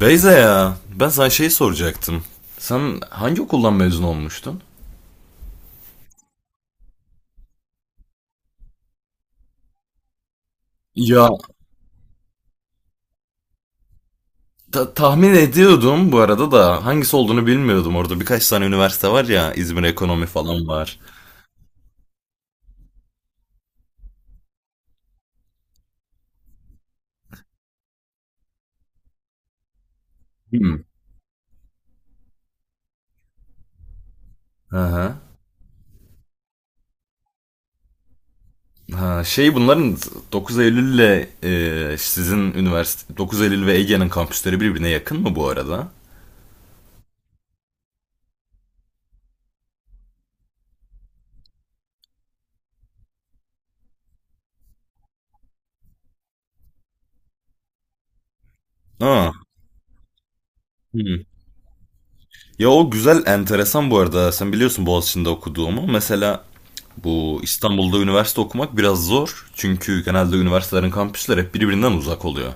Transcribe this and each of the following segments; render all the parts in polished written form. Beyza ya, ben sana şey soracaktım. Sen hangi okuldan mezun olmuştun? Ya, tahmin ediyordum bu arada, da hangisi olduğunu bilmiyordum. Orada birkaç tane üniversite var ya, İzmir Ekonomi falan var. Hmm. Aha. Ha, şey bunların 9 Eylül ile e, sizin üniversite 9 Eylül ve Ege'nin kampüsleri birbirine yakın mı bu arada? Aa. Hmm. Ya, o güzel, enteresan bu arada. Sen biliyorsun Boğaziçi'nde okuduğumu. Mesela bu İstanbul'da üniversite okumak biraz zor. Çünkü genelde üniversitelerin kampüsleri hep birbirinden uzak oluyor.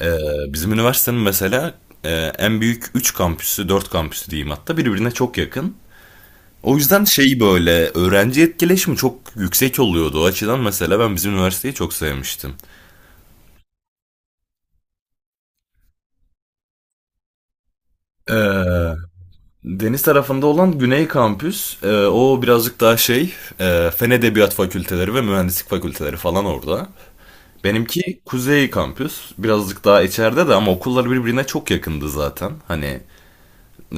Ee, Bizim üniversitenin mesela, e, en büyük 3 kampüsü, 4 kampüsü diyeyim hatta, birbirine çok yakın. O yüzden şey, böyle öğrenci etkileşimi çok yüksek oluyordu. O açıdan mesela ben bizim üniversiteyi çok sevmiştim. Ee, Deniz tarafında olan Güney Kampüs, o birazcık daha şey, Fen Edebiyat Fakülteleri ve Mühendislik Fakülteleri falan orada. Benimki Kuzey Kampüs, birazcık daha içeride de, ama okullar birbirine çok yakındı zaten. Hani, e,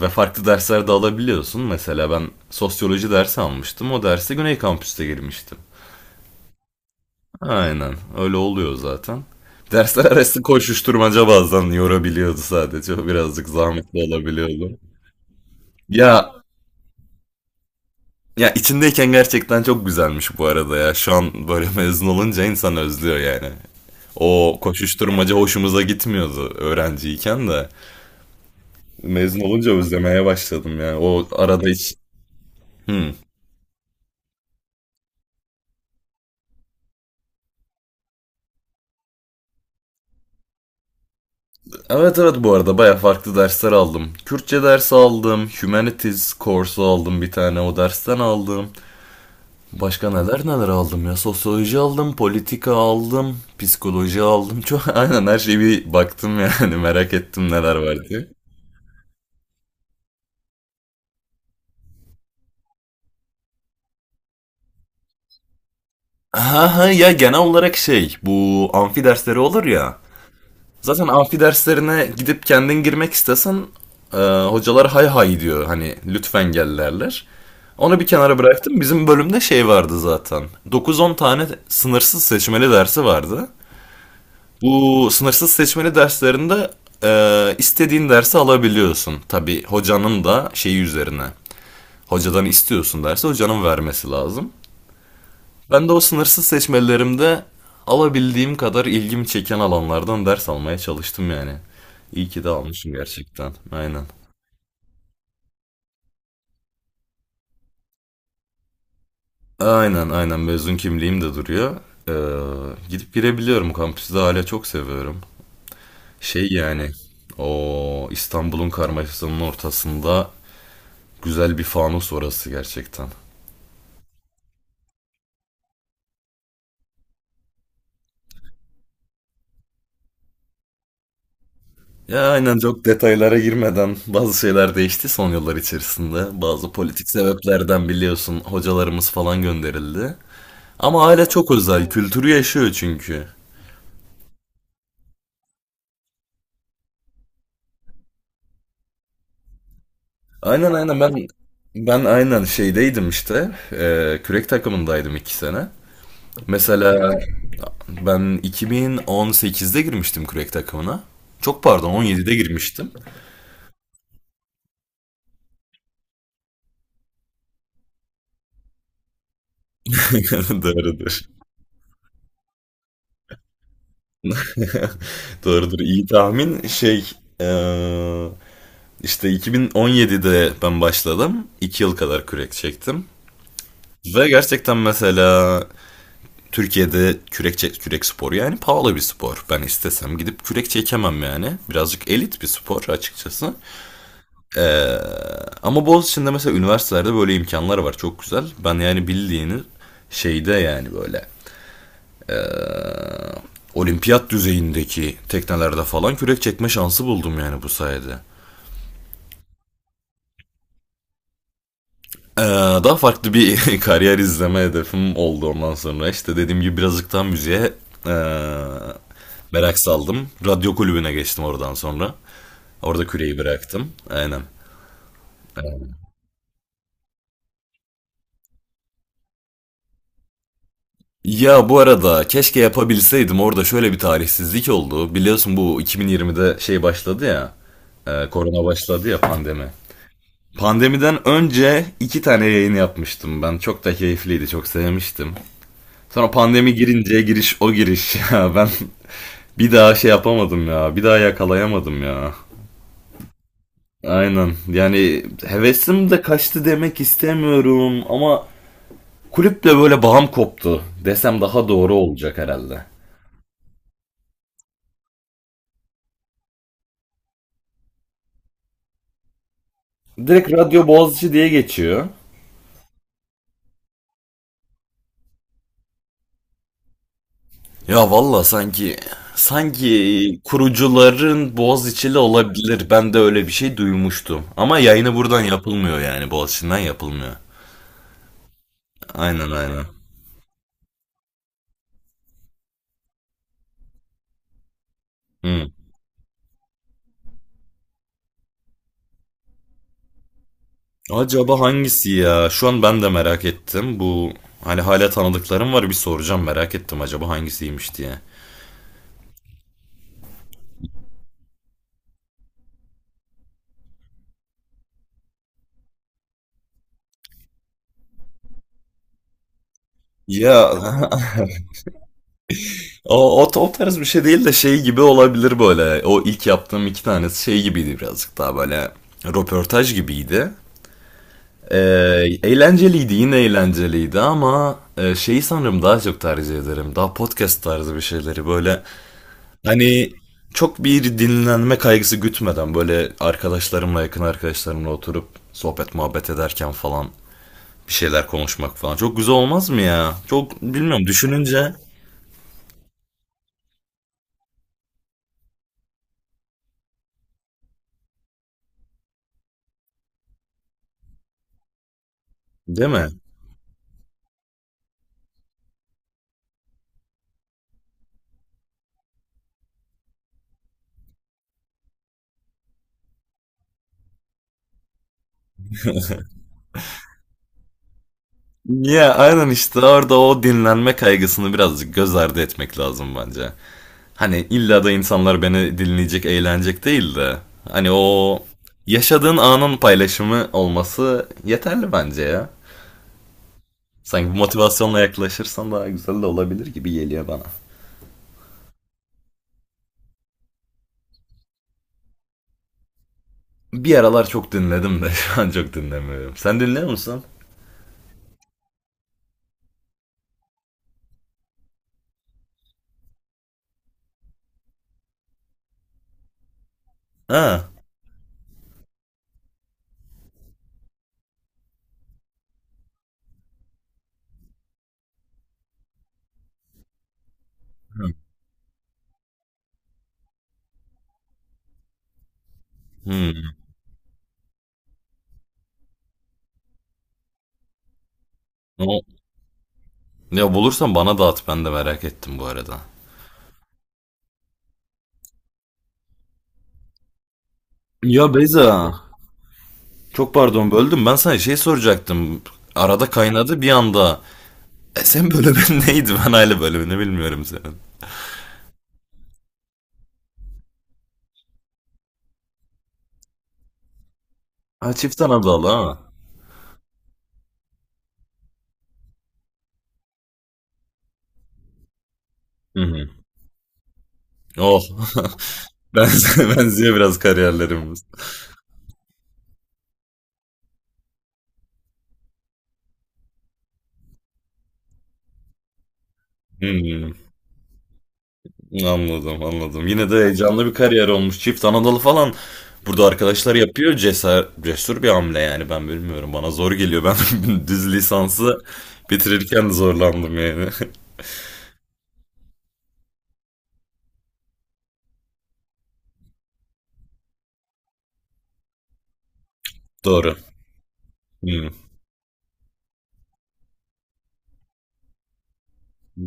ve farklı dersler de alabiliyorsun. Mesela ben sosyoloji dersi almıştım, o derse Güney Kampüs'te girmiştim. Aynen, öyle oluyor zaten. Dersler arası koşuşturmaca bazen yorabiliyordu sadece, o birazcık zahmetli olabiliyordu. Ya Ya içindeyken gerçekten çok güzelmiş bu arada ya. Şu an böyle mezun olunca insan özlüyor yani. O koşuşturmaca hoşumuza gitmiyordu öğrenciyken de. Mezun olunca özlemeye başladım ya. O arada hiç... Hmm. Evet, evet, bu arada baya farklı dersler aldım. Kürtçe dersi aldım, Humanities kursu aldım, bir tane o dersten aldım. Başka neler neler aldım ya. Sosyoloji aldım, politika aldım, psikoloji aldım. Çok aynen, her şeyi bir baktım yani, merak ettim neler var diye. Ha ha, ya genel olarak şey, bu amfi dersleri olur ya. Zaten amfi derslerine gidip kendin girmek istesen, e, hocalar hay hay diyor, hani lütfen gel derler. Onu bir kenara bıraktım. Bizim bölümde şey vardı zaten. Dokuz on tane sınırsız seçmeli dersi vardı. Bu sınırsız seçmeli derslerinde istediğin dersi alabiliyorsun. Tabii hocanın da şeyi üzerine. Hocadan istiyorsun, dersi hocanın vermesi lazım. Ben de o sınırsız seçmelerimde alabildiğim kadar ilgimi çeken alanlardan ders almaya çalıştım yani. İyi ki de almışım gerçekten. Aynen. Aynen, aynen, mezun kimliğim de duruyor. Gidip girebiliyorum, kampüsü de hala çok seviyorum. Şey yani, o İstanbul'un karmaşasının ortasında güzel bir fanus orası gerçekten. Ya aynen, çok detaylara girmeden bazı şeyler değişti son yıllar içerisinde. Bazı politik sebeplerden biliyorsun, hocalarımız falan gönderildi. Ama aile çok özel. Kültürü yaşıyor çünkü. Aynen, aynen, ben aynen şeydeydim işte. Kürek takımındaydım 2 sene. Mesela ben 2018'de girmiştim kürek takımına. Çok pardon, 17'de girmiştim. Doğrudur. Doğrudur. İyi tahmin. Şey, eee, işte 2017'de ben başladım. 2 yıl kadar kürek çektim. Ve gerçekten mesela Türkiye'de kürek, kürek sporu yani pahalı bir spor. Ben istesem gidip kürek çekemem yani. Birazcık elit bir spor açıkçası. Ama Boğaziçi'nde mesela üniversitelerde böyle imkanlar var. Çok güzel. Ben yani bildiğini şeyde yani, böyle olimpiyat düzeyindeki teknelerde falan kürek çekme şansı buldum yani bu sayede. Ee, Daha farklı bir kariyer izleme hedefim oldu ondan sonra. İşte dediğim gibi birazcık daha müziğe ee, merak saldım. Radyo kulübüne geçtim oradan sonra. Orada küreyi bıraktım. Aynen. Aynen. Ya bu arada keşke yapabilseydim, orada şöyle bir talihsizlik oldu. Biliyorsun bu 2020'de şey başladı ya. Korona başladı ya, pandemi. Pandemiden önce iki tane yayın yapmıştım ben. Çok da keyifliydi, çok sevmiştim. Sonra pandemi girince giriş o giriş, ya ben bir daha şey yapamadım ya, bir daha yakalayamadım ya. Aynen yani, hevesim de kaçtı demek istemiyorum, ama kulüple böyle bağım koptu desem daha doğru olacak herhalde. Direkt Radyo Boğaziçi diye geçiyor. Ya valla, sanki kurucuların Boğaziçi'li olabilir. Ben de öyle bir şey duymuştum. Ama yayını buradan yapılmıyor, yani Boğaziçi'nden yapılmıyor. Aynen, aynen. Hı. Acaba hangisi ya? Şu an ben de merak ettim. Bu, hani hala tanıdıklarım var, bir soracağım, merak ettim acaba hangisiymiş diye. Ya, o tarz bir şey değil de, şey gibi olabilir böyle. O ilk yaptığım iki tanesi şey gibiydi, birazcık daha böyle röportaj gibiydi. Ee, Eğlenceliydi, yine eğlenceliydi ama, şeyi sanırım daha çok tercih ederim. Daha podcast tarzı bir şeyleri böyle. Hani çok bir dinlenme kaygısı gütmeden, böyle arkadaşlarımla, yakın arkadaşlarımla oturup sohbet muhabbet ederken falan bir şeyler konuşmak falan çok güzel olmaz mı ya? Çok bilmiyorum, düşününce, değil mi? Ya aynen, işte orada o dinlenme kaygısını birazcık göz ardı etmek lazım bence. Hani illa da insanlar beni dinleyecek, eğlenecek değil de, hani o yaşadığın anın paylaşımı olması yeterli bence ya. Sanki bu motivasyonla yaklaşırsan daha güzel de olabilir gibi geliyor bana. Bir aralar çok dinledim de, şu an çok dinlemiyorum. Sen dinliyor musun? Ha. Hmm. O- Ya bulursan bana dağıt, ben de merak ettim bu arada. Ya Beyza. Çok pardon böldüm, ben sana şey soracaktım. Arada kaynadı bir anda. Sen bölümün neydi? Ben aile bölümünü bilmiyorum senin. Ha, çift Anadolu ha. Hı hı. Oh. Ben Benziyor biraz kariyerlerimiz. Hı hı. Anladım, anladım. Yine de heyecanlı bir kariyer olmuş. Çift Anadolu falan burada arkadaşlar yapıyor. Cesur, cesur bir hamle yani, ben bilmiyorum. Bana zor geliyor. Ben düz lisansı bitirirken de zorlandım yani. Doğru. Hmm,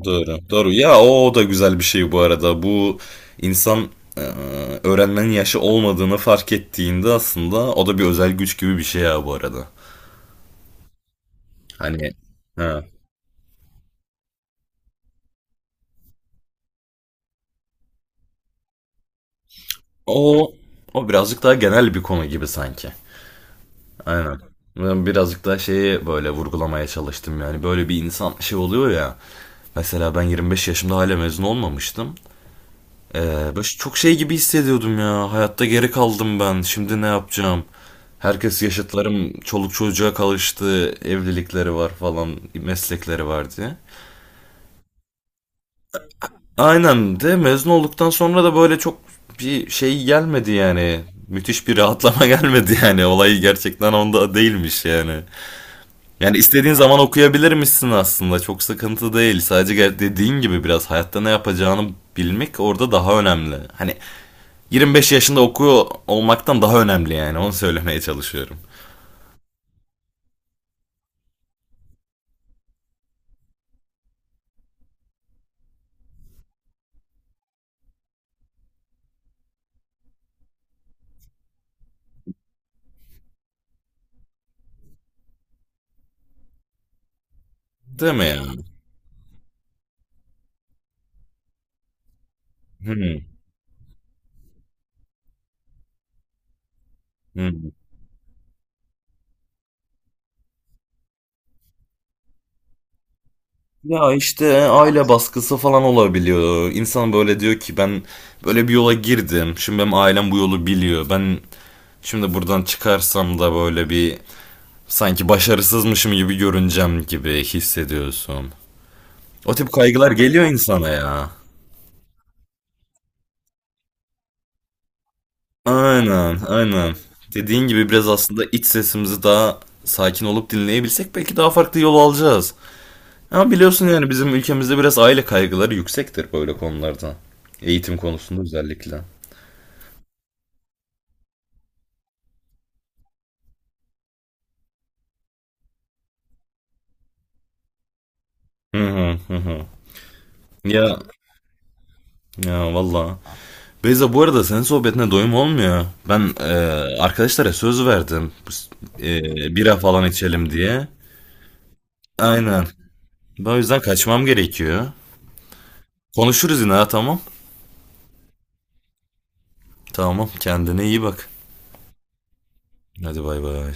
doğru. Doğru. Ya, o, o da güzel bir şey bu arada. Bu insan, e, öğrenmenin yaşı olmadığını fark ettiğinde aslında o da bir özel güç gibi bir şey ya bu arada. Hani ha. O o birazcık daha genel bir konu gibi sanki. Aynen. Ben birazcık da şeyi böyle vurgulamaya çalıştım yani. Böyle bir insan şey oluyor ya. Mesela ben 25 yaşımda hala mezun olmamıştım. Ee, Böyle çok şey gibi hissediyordum ya. Hayatta geri kaldım ben. Şimdi ne yapacağım? Herkes yaşıtlarım çoluk çocuğa kalıştı. Evlilikleri var falan. Meslekleri var diye. Aynen, de mezun olduktan sonra da böyle çok bir şey gelmedi yani. Müthiş bir rahatlama gelmedi yani. Olay gerçekten onda değilmiş yani. Yani istediğin zaman okuyabilirmişsin aslında. Çok sıkıntı değil. Sadece dediğin gibi biraz hayatta ne yapacağını bilmek orada daha önemli. Hani 25 yaşında okuyor olmaktan daha önemli yani. Onu söylemeye çalışıyorum. Değil mi ya? Hmm, hmm. Ya işte aile baskısı falan olabiliyor. İnsan böyle diyor ki ben böyle bir yola girdim. Şimdi benim ailem bu yolu biliyor. Ben şimdi buradan çıkarsam da böyle bir sanki başarısızmışım gibi görüneceğim gibi hissediyorsun. O tip kaygılar geliyor insana ya. Aynen, aynen. Dediğin gibi biraz aslında iç sesimizi daha sakin olup dinleyebilsek belki daha farklı yol alacağız. Ama biliyorsun yani bizim ülkemizde biraz aile kaygıları yüksektir böyle konularda. Eğitim konusunda özellikle. Hı hı hı hı. Ya ya valla. Beyza bu arada senin sohbetine doyum olmuyor. Ben, arkadaşlara söz verdim. E, Bira falan içelim diye. Aynen. Ben o yüzden kaçmam gerekiyor. Konuşuruz yine ha, tamam. Tamam, kendine iyi bak. Hadi bay bay.